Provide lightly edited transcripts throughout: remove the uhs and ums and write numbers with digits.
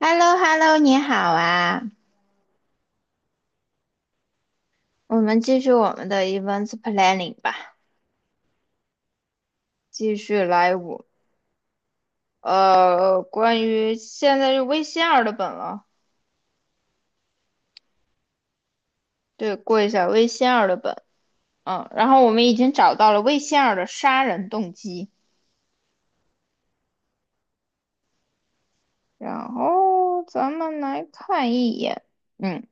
h e l l o h e l l o 你好啊！我们继续我们的 events planning 吧，继续来我呃，关于现在是微信二的本了。对，过一下微信二的本。然后我们已经找到了微信二的杀人动机，然后咱们来看一眼。嗯，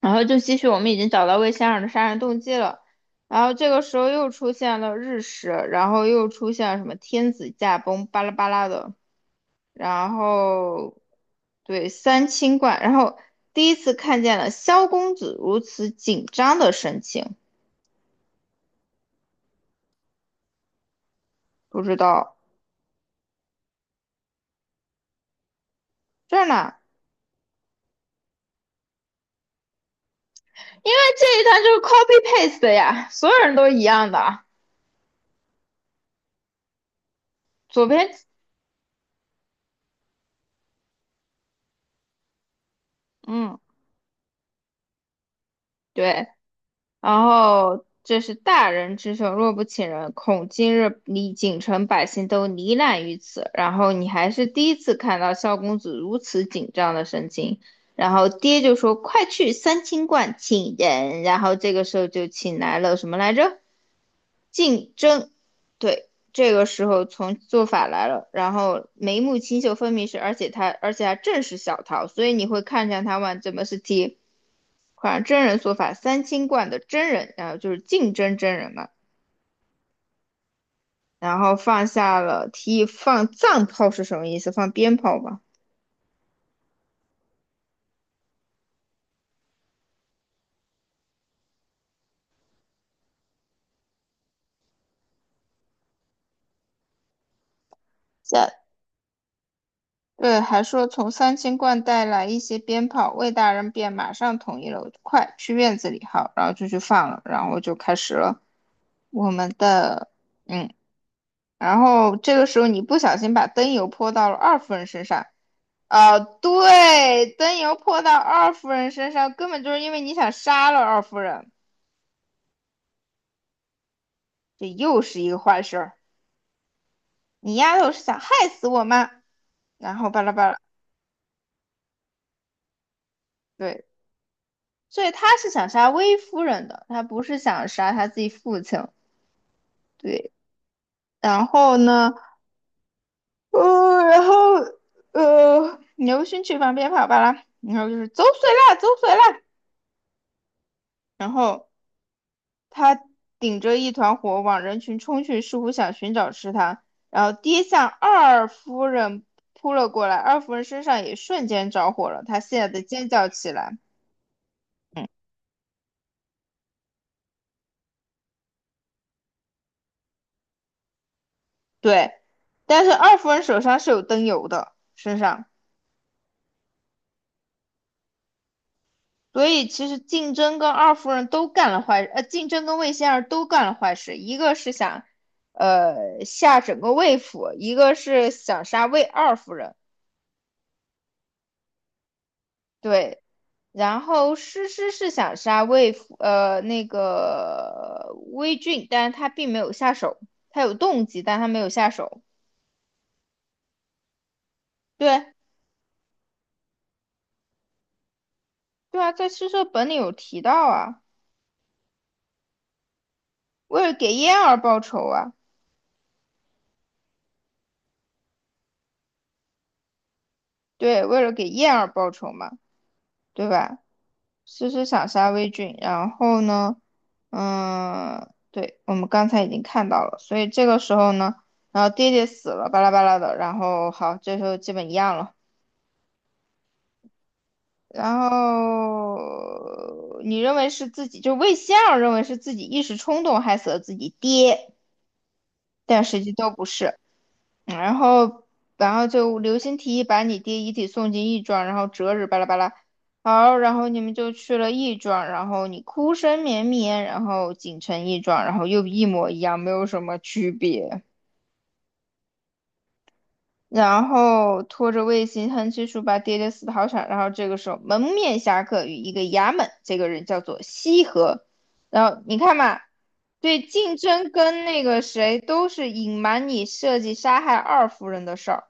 然后就继续我们已经找到微仙儿的杀人动机了，然后这个时候又出现了日食，然后又出现了什么天子驾崩，巴拉巴拉的。然后对三清观，然后第一次看见了萧公子如此紧张的神情。不知道这儿呢，因为这一段就是 copy paste 的呀，所有人都一样的。左边。嗯，对，然后这是大人之手，若不请人，恐今日里锦城百姓都罹难于此。然后你还是第一次看到萧公子如此紧张的神情。然后爹就说：“快去三清观请人。”然后这个时候就请来了什么来着？竞争。对，这个时候从做法来了，然后眉目清秀分明是，而且还正是小桃，所以你会看见他们怎么是反款真人说法三清观的真人，然后就是竞争真人嘛。然后放下了提议放藏炮是什么意思？放鞭炮吧。在对，还说从三清观带来一些鞭炮，魏大人便马上同意了，快去院子里好，然后就去放了，然后就开始了我们的。嗯然后这个时候你不小心把灯油泼到了二夫人身上。啊，对，灯油泼到二夫人身上，根本就是因为你想杀了二夫人，这又是一个坏事儿。你丫头是想害死我吗？然后巴拉巴拉。对，所以他是想杀薇夫人的，他不是想杀他自己父亲。对，然后呢，呃，然后牛勋去旁边跑巴拉，然后就是走水啦，走水啦。然后他顶着一团火往人群冲去，似乎想寻找吃他，然后跌向二夫人扑了过来，二夫人身上也瞬间着火了，她吓得尖叫起来。对，但是二夫人手上是有灯油的，身上。所以其实竞争跟魏仙儿都干了坏事，一个是想吓整个魏府，一个是想杀魏二夫人。对，然后诗诗是想杀那个魏俊，但是他并没有下手。他有动机，但他没有下手。对，对啊，在诗社本里有提到啊，为了给燕儿报仇啊。对，为了给燕儿报仇嘛，对吧？诗诗想杀魏俊。然后呢，对，我们刚才已经看到了，所以这个时候呢，然后爹爹死了，巴拉巴拉的。然后好，这时候基本一样了。然后你认为是自己，就魏先生认为是自己一时冲动害死了自己爹，但实际都不是。嗯然后，然后刘星提议把你爹遗体送进义庄，然后择日巴拉巴拉。好，然后你们就去了义庄，然后你哭声绵绵，然后锦城义庄，然后又一模一样，没有什么区别。然后拖着卫星横七竖八、跌跌死跑场，然后这个时候蒙面侠客与一个衙门，这个人叫做西河。然后你看嘛，对竞争跟那个谁都是隐瞒你设计杀害二夫人的事儿。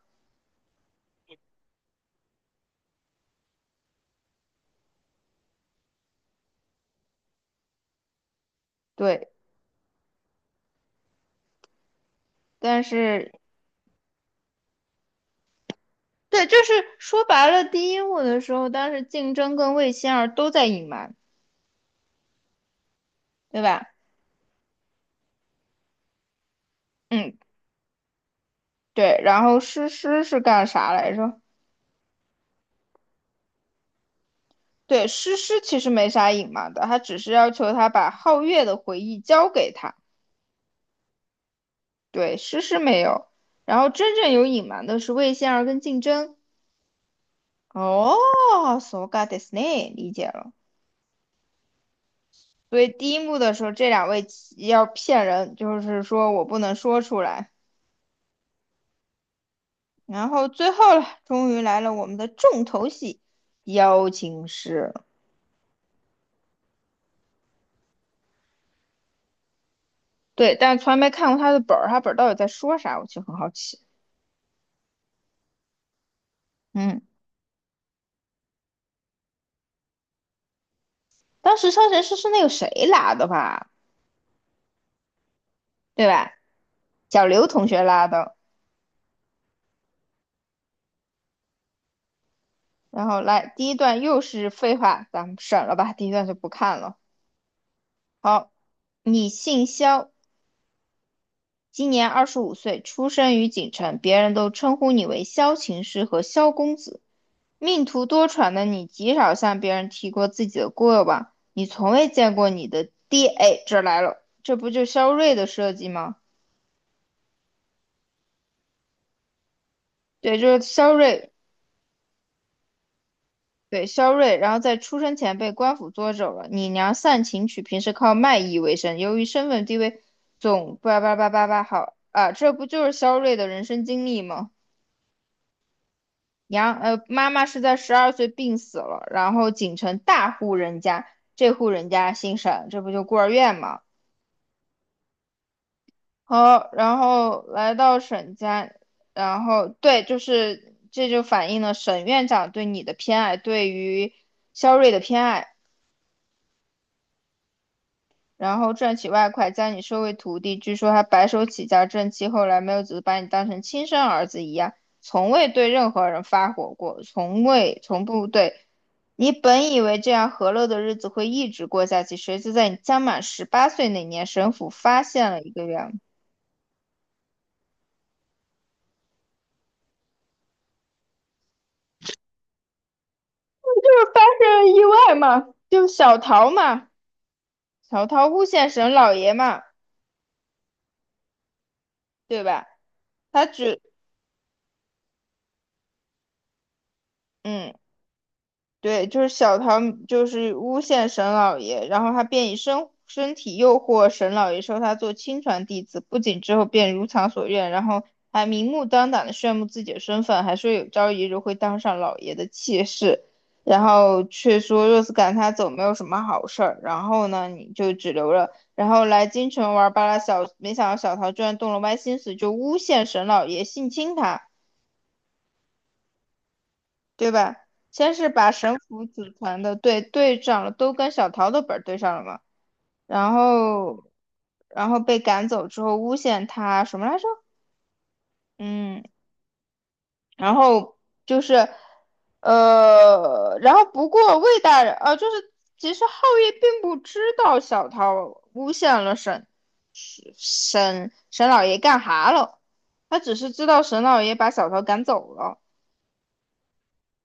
对，但是对，就是说白了，第一幕的时候，当时竞争跟魏星儿都在隐瞒，对吧？嗯，对，然后诗诗是干啥来着？对，诗诗其实没啥隐瞒的，他只是要求他把皓月的回忆交给他。对，诗诗没有。然后真正有隐瞒的是魏仙儿跟竞争。哦，so got this name，理解了。所以第一幕的时候，这两位要骗人，就是说我不能说出来。然后最后了，终于来了我们的重头戏——邀请诗。对，但从来没看过他的本儿，他本儿到底在说啥，我其实很好奇。嗯，当时商神诗是那个谁拉的吧？对吧？小刘同学拉的。然后来，第一段又是废话，咱们省了吧，第一段就不看了。好，你姓萧，今年25岁，出生于锦城，别人都称呼你为萧琴师和萧公子。命途多舛的你，极少向别人提过自己的过往，你从未见过你的爹。哎，这来了，这不就肖睿的设计吗？对，就是肖睿。对，肖瑞，然后在出生前被官府捉走了。你娘善琴曲平时靠卖艺为生，由于身份地位，总叭叭叭叭叭好啊，这不就是肖瑞的人生经历吗？妈妈是在12岁病死了，然后锦城大户人家，这户人家姓沈，这不就孤儿院吗？好，然后来到沈家。然后对，就是这就反映了沈院长对你的偏爱，对于肖瑞的偏爱。然后赚取外快，将你收为徒弟。据说他白手起家正气，后来没有只是把你当成亲生儿子一样，从未对任何人发火过，从不。你本以为这样和乐的日子会一直过下去，谁知在你将满18岁那年，神府发现了一个人，就是发生了意外嘛，就小桃嘛，小桃诬陷沈老爷嘛，对吧？他只嗯。对，就是小桃，就是诬陷沈老爷，然后他便以身体诱惑沈老爷收他做亲传弟子，不仅之后便如偿所愿，然后还明目张胆的炫耀自己的身份，还说有朝一日会当上老爷的妾室，然后却说若是赶他走没有什么好事儿，然后呢你就只留了，然后来京城玩儿罢了。小没想到小桃居然动了歪心思，就诬陷沈老爷性侵他。对吧？先是把神府组团的队长了，都跟小桃的本儿对上了嘛。然后，然后被赶走之后诬陷他什么来着？嗯，然后就是，不过魏大人，其实皓月并不知道小桃诬陷了沈老爷干哈了，他只是知道沈老爷把小桃赶走了。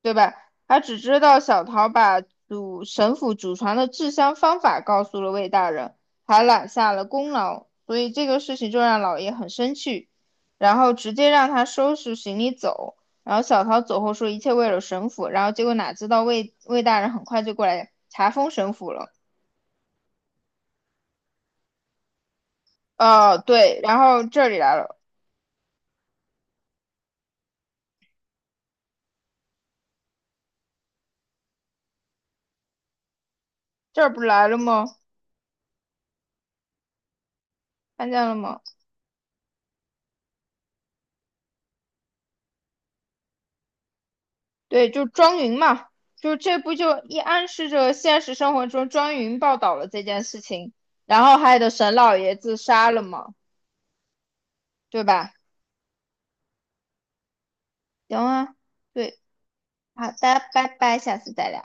对吧？他只知道小桃把祖神府祖传的制香方法告诉了魏大人，还揽下了功劳，所以这个事情就让老爷很生气，然后直接让他收拾行李走。然后小桃走后说一切为了神府，然后结果哪知道魏大人很快就过来查封神府了。哦，对，然后这里来了，这儿不来了吗？看见了吗？对，就庄云嘛，就是这不就一暗示着现实生活中庄云报道了这件事情，然后害得沈老爷自杀了嘛，对吧？行啊，对，好的，拜拜，下次再聊。